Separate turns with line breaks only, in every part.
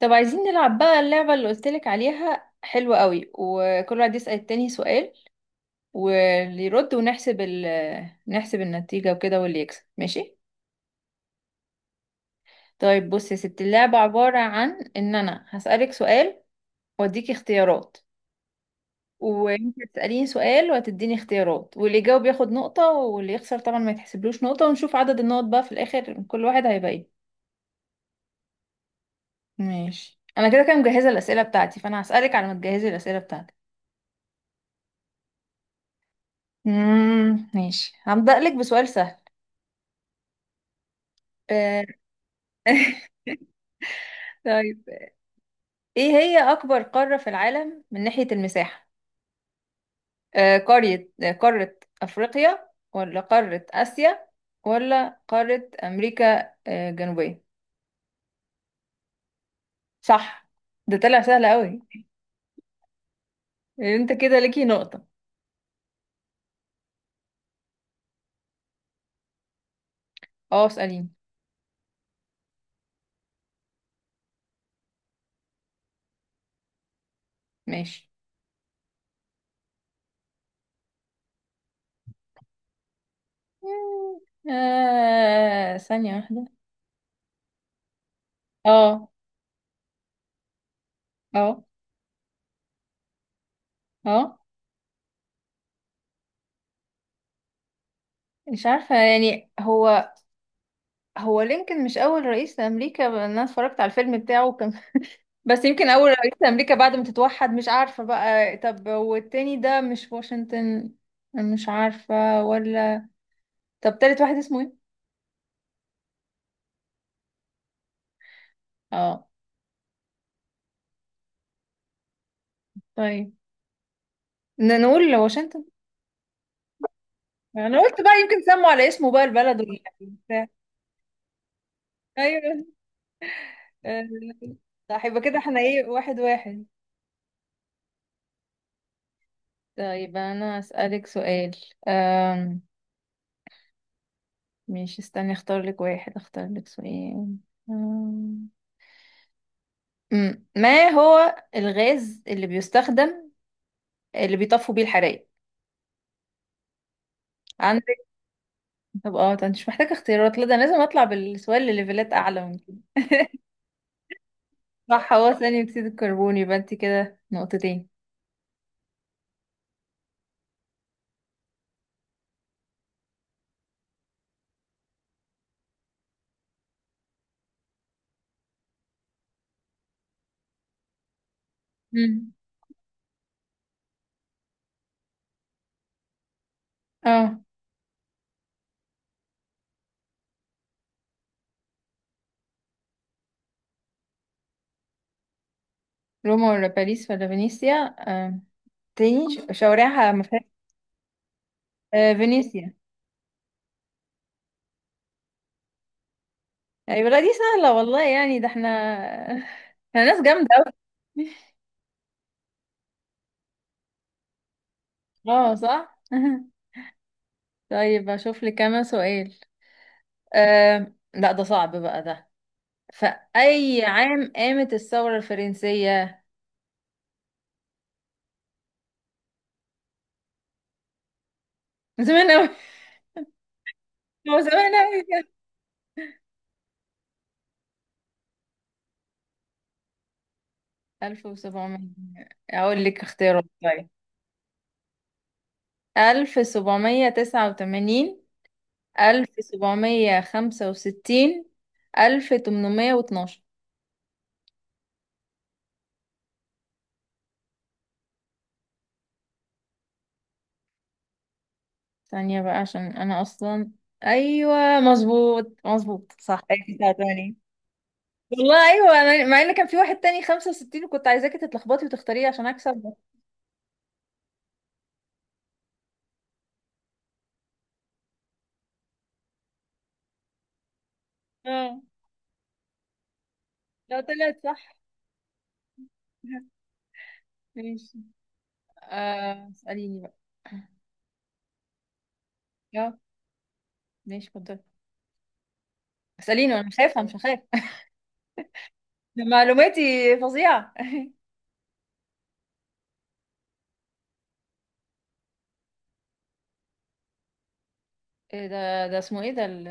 طب عايزين نلعب بقى اللعبة اللي قلتلك عليها حلوة قوي، وكل واحد يسأل التاني سؤال واللي يرد، ونحسب نحسب النتيجة وكده، واللي يكسب ماشي. طيب بص يا ستي، اللعبة عبارة عن ان انا هسألك سؤال واديكي اختيارات، وانت هتسأليني سؤال وهتديني اختيارات، واللي يجاوب ياخد نقطة، واللي يخسر طبعا ما يتحسبلوش نقطة، ونشوف عدد النقط بقى في الآخر كل واحد هيبقى ايه. ماشي، انا كده كده مجهزة الأسئلة بتاعتي، فانا هسألك على ما تجهزي الأسئلة بتاعتك. ماشي، هبدأ لك بسؤال سهل. آه، طيب، ايه هي اكبر قارة في العالم من ناحية المساحة؟ آه، قرية آه، قارة افريقيا، ولا قارة اسيا، ولا قارة امريكا، الجنوبية؟ صح، ده طلع سهل قوي. انت كده ليكي نقطة. اه، اسأليني. ماشي. مم، آه، ثانية واحدة. اه. اه. اه، مش عارفة يعني. هو هو لينكولن مش اول رئيس لامريكا؟ انا اتفرجت على الفيلم بتاعه كان بس يمكن اول رئيس لامريكا بعد ما تتوحد، مش عارفه بقى. طب والتاني ده مش واشنطن؟ مش عارفه. ولا طب تالت واحد اسمه ايه؟ اه. طيب، نقول واشنطن. انا قلت بقى يمكن سموا على اسمه بقى البلد وبتاع. ايوه. آه، صح. يبقى كده احنا ايه، واحد واحد. طيب انا اسالك سؤال. أم... مش، استني اختار لك واحد، اختار لك سؤال. أم... مم. ما هو الغاز اللي بيستخدم اللي بيطفوا بيه الحرايق؟ عندك؟ طب اه، ده مش محتاجة اختيارات، لا ده أنا لازم اطلع بالسؤال لليفلات اعلى من كده. صح، هو ثاني اكسيد الكربون، يبقى انت كده نقطتين. مم. اه، روما ولا باريس ولا فينيسيا؟ آه، تاني شوارعها ما فيهاش. آه، فينيسيا. ايوه. لا دي سهلة والله، يعني ده احنا احنا ناس جامدة اوي. اه صح طيب اشوف لك كمان سؤال. آه، لا ده صعب بقى ده. في أي عام قامت الثورة الفرنسية؟ من زمان أوي. هو زمان أوي كده. 1700؟ أقول لك اختيارات طيب. 1789، 1765، 1812. ثانية بقى عشان أنا أصلا. أيوة، مظبوط مظبوط، صح 1989. والله أيوة، أنا مع إن كان في واحد تاني 65، وكنت عايزاكي تتلخبطي وتختاريه عشان أكسب. اه، لا طلعت صح. ماشي. اسأليني بقى. اه ماشي، اتفضلي. اسأليني وانا مش هفهم مش هخاف. ده معلوماتي فظيعة. إيه ده اسمه ايه ده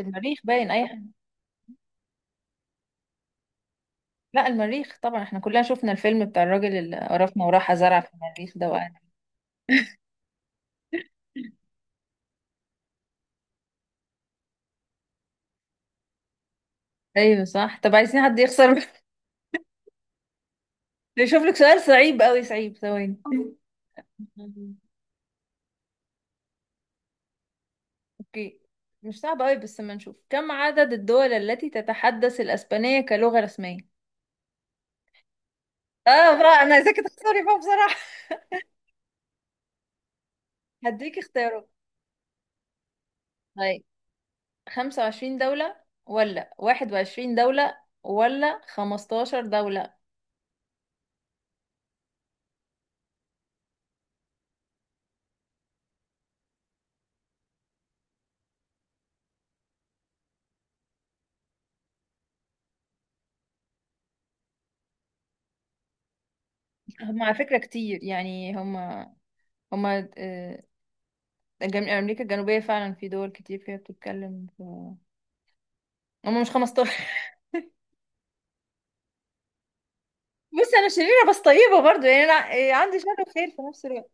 المريخ، باين اي حاجة. لا المريخ طبعا، احنا كلنا شفنا الفيلم بتاع الراجل اللي قرفنا وراح زرع في المريخ ده وقال. ايوه صح. طب عايزين حد يخسر. يشوف لك سؤال صعيب قوي، صعيب، ثواني. اوكي، مش صعب قوي بس، ما نشوف كم عدد الدول التي تتحدث الاسبانية كلغة رسمية؟ اه بقى، انا عايزاكي تخسري بقى بصراحة. هديك اختيارات طيب. خمسة وعشرين دولة، ولا واحد وعشرين دولة، ولا خمستاشر دولة. هم على فكرة كتير يعني. هم آه، أمريكا الجنوبية فعلا في دول كتير فيها بتتكلم في. هم مش خمستاشر. بص أنا شريرة بس طيبة برضو، يعني أنا عندي شر وخير في نفس الوقت.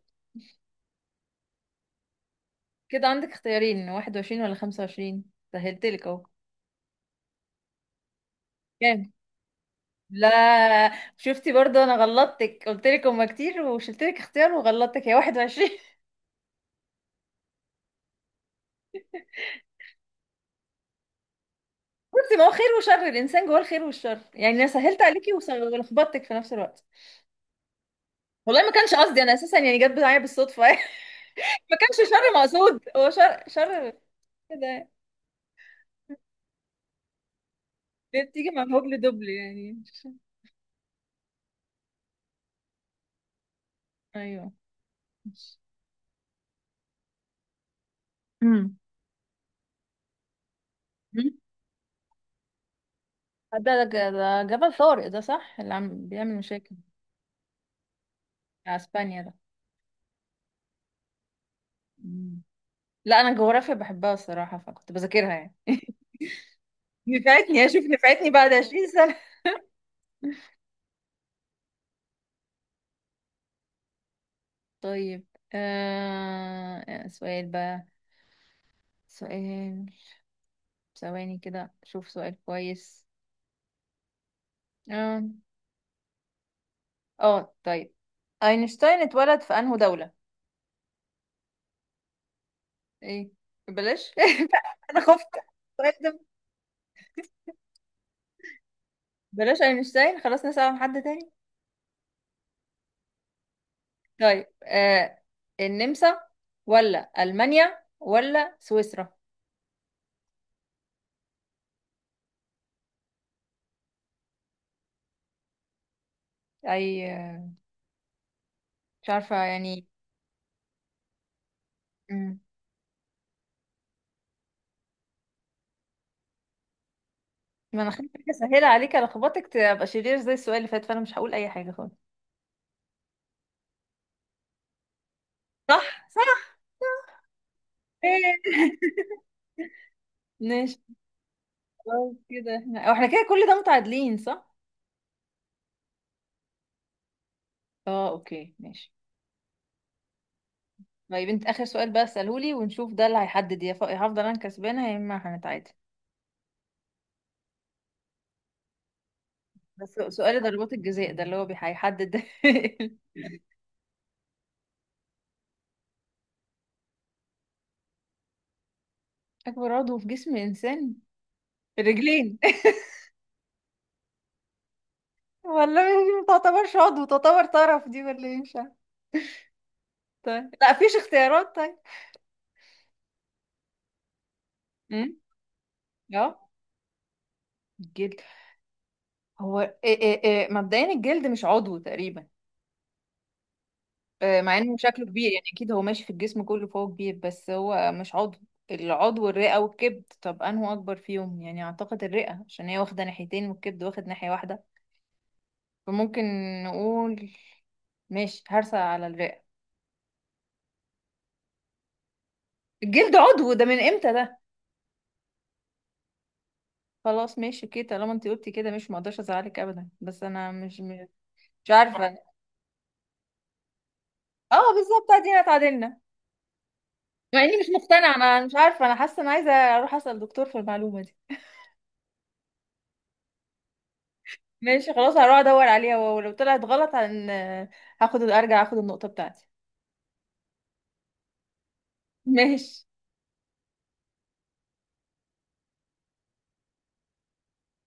كده عندك اختيارين، واحد وعشرين ولا خمسة وعشرين. سهلتلك أهو. كام؟ لا، شفتي برضو أنا غلطتك، قلتلك هما كتير وشلتلك اختيار وغلطتك. هي واحد وعشرين. بصي، ما هو خير وشر، الانسان جواه الخير والشر، يعني انا سهلت عليكي ولخبطتك في نفس الوقت. والله ما كانش قصدي، انا اساسا يعني جت معايا بالصدفه. ما كانش شر مقصود، هو شر شر كده. ليه بتيجي مع هبل دبل يعني. ايوه. امم. ده جبل طارق ده، صح؟ اللي عم بيعمل مشاكل بتاع اسبانيا ده. مم. لا انا الجغرافيا بحبها الصراحه، فكنت بذاكرها يعني. نفعتني، اشوف نفعتني بعد 20 سنه. طيب، سؤال بقى، سؤال، ثواني كده شوف سؤال كويس. اه. اه طيب، اينشتاين اتولد في انهو دولة؟ ايه، بلاش. انا خفت السؤال ده، بلاش اينشتاين، خلاص نسأل عن حد تاني. طيب آه، النمسا ولا المانيا ولا سويسرا؟ اي مش عارفة يعني. مم. ما انا خليت حاجة سهلة عليك، لخبطك تبقى شرير زي السؤال اللي فات، فانا مش هقول اي حاجة خالص. صح صح. إيه. ماشي. خلاص كده احنا، أو احنا كده كل ده متعادلين، صح؟ اه اوكي ماشي. طيب انت اخر سؤال بقى اساله لي، ونشوف ده اللي هيحدد، يا يا هفضل انا كسبانه، يا اما هنتعادل. بس سؤال ضربات الجزاء ده اللي هو هيحدد. اكبر عضو في جسم الانسان؟ الرجلين. والله دي ما تعتبرش عضو، تعتبر طرف دي، ولا ايه مش عارفة. طيب، لا فيش اختيارات طيب. امم. اه، الجلد. هو إيه مبدئيا الجلد مش عضو تقريبا. مع انه شكله كبير يعني، اكيد هو ماشي في الجسم كله فهو كبير، بس هو مش عضو. العضو الرئة والكبد. طب انه اكبر فيهم، يعني اعتقد الرئة عشان هي واخدة ناحيتين والكبد واخد ناحية واحدة، فممكن نقول، ماشي هرسة على الرئة. الجلد عضو ده، من امتى ده؟ خلاص ماشي اوكي، طالما انت قلتي كده، مش مقدرش ازعلك ابدا، بس انا مش مش عارفة. اه بالظبط، ادينا اتعادلنا. مع اني مش مقتنعة، انا مش عارفة، انا حاسة انا عايزة اروح اسأل دكتور في المعلومة دي. ماشي خلاص، هروح ادور عليها، ولو طلعت غلط هاخد، ارجع اخد النقطة بتاعتي. ماشي.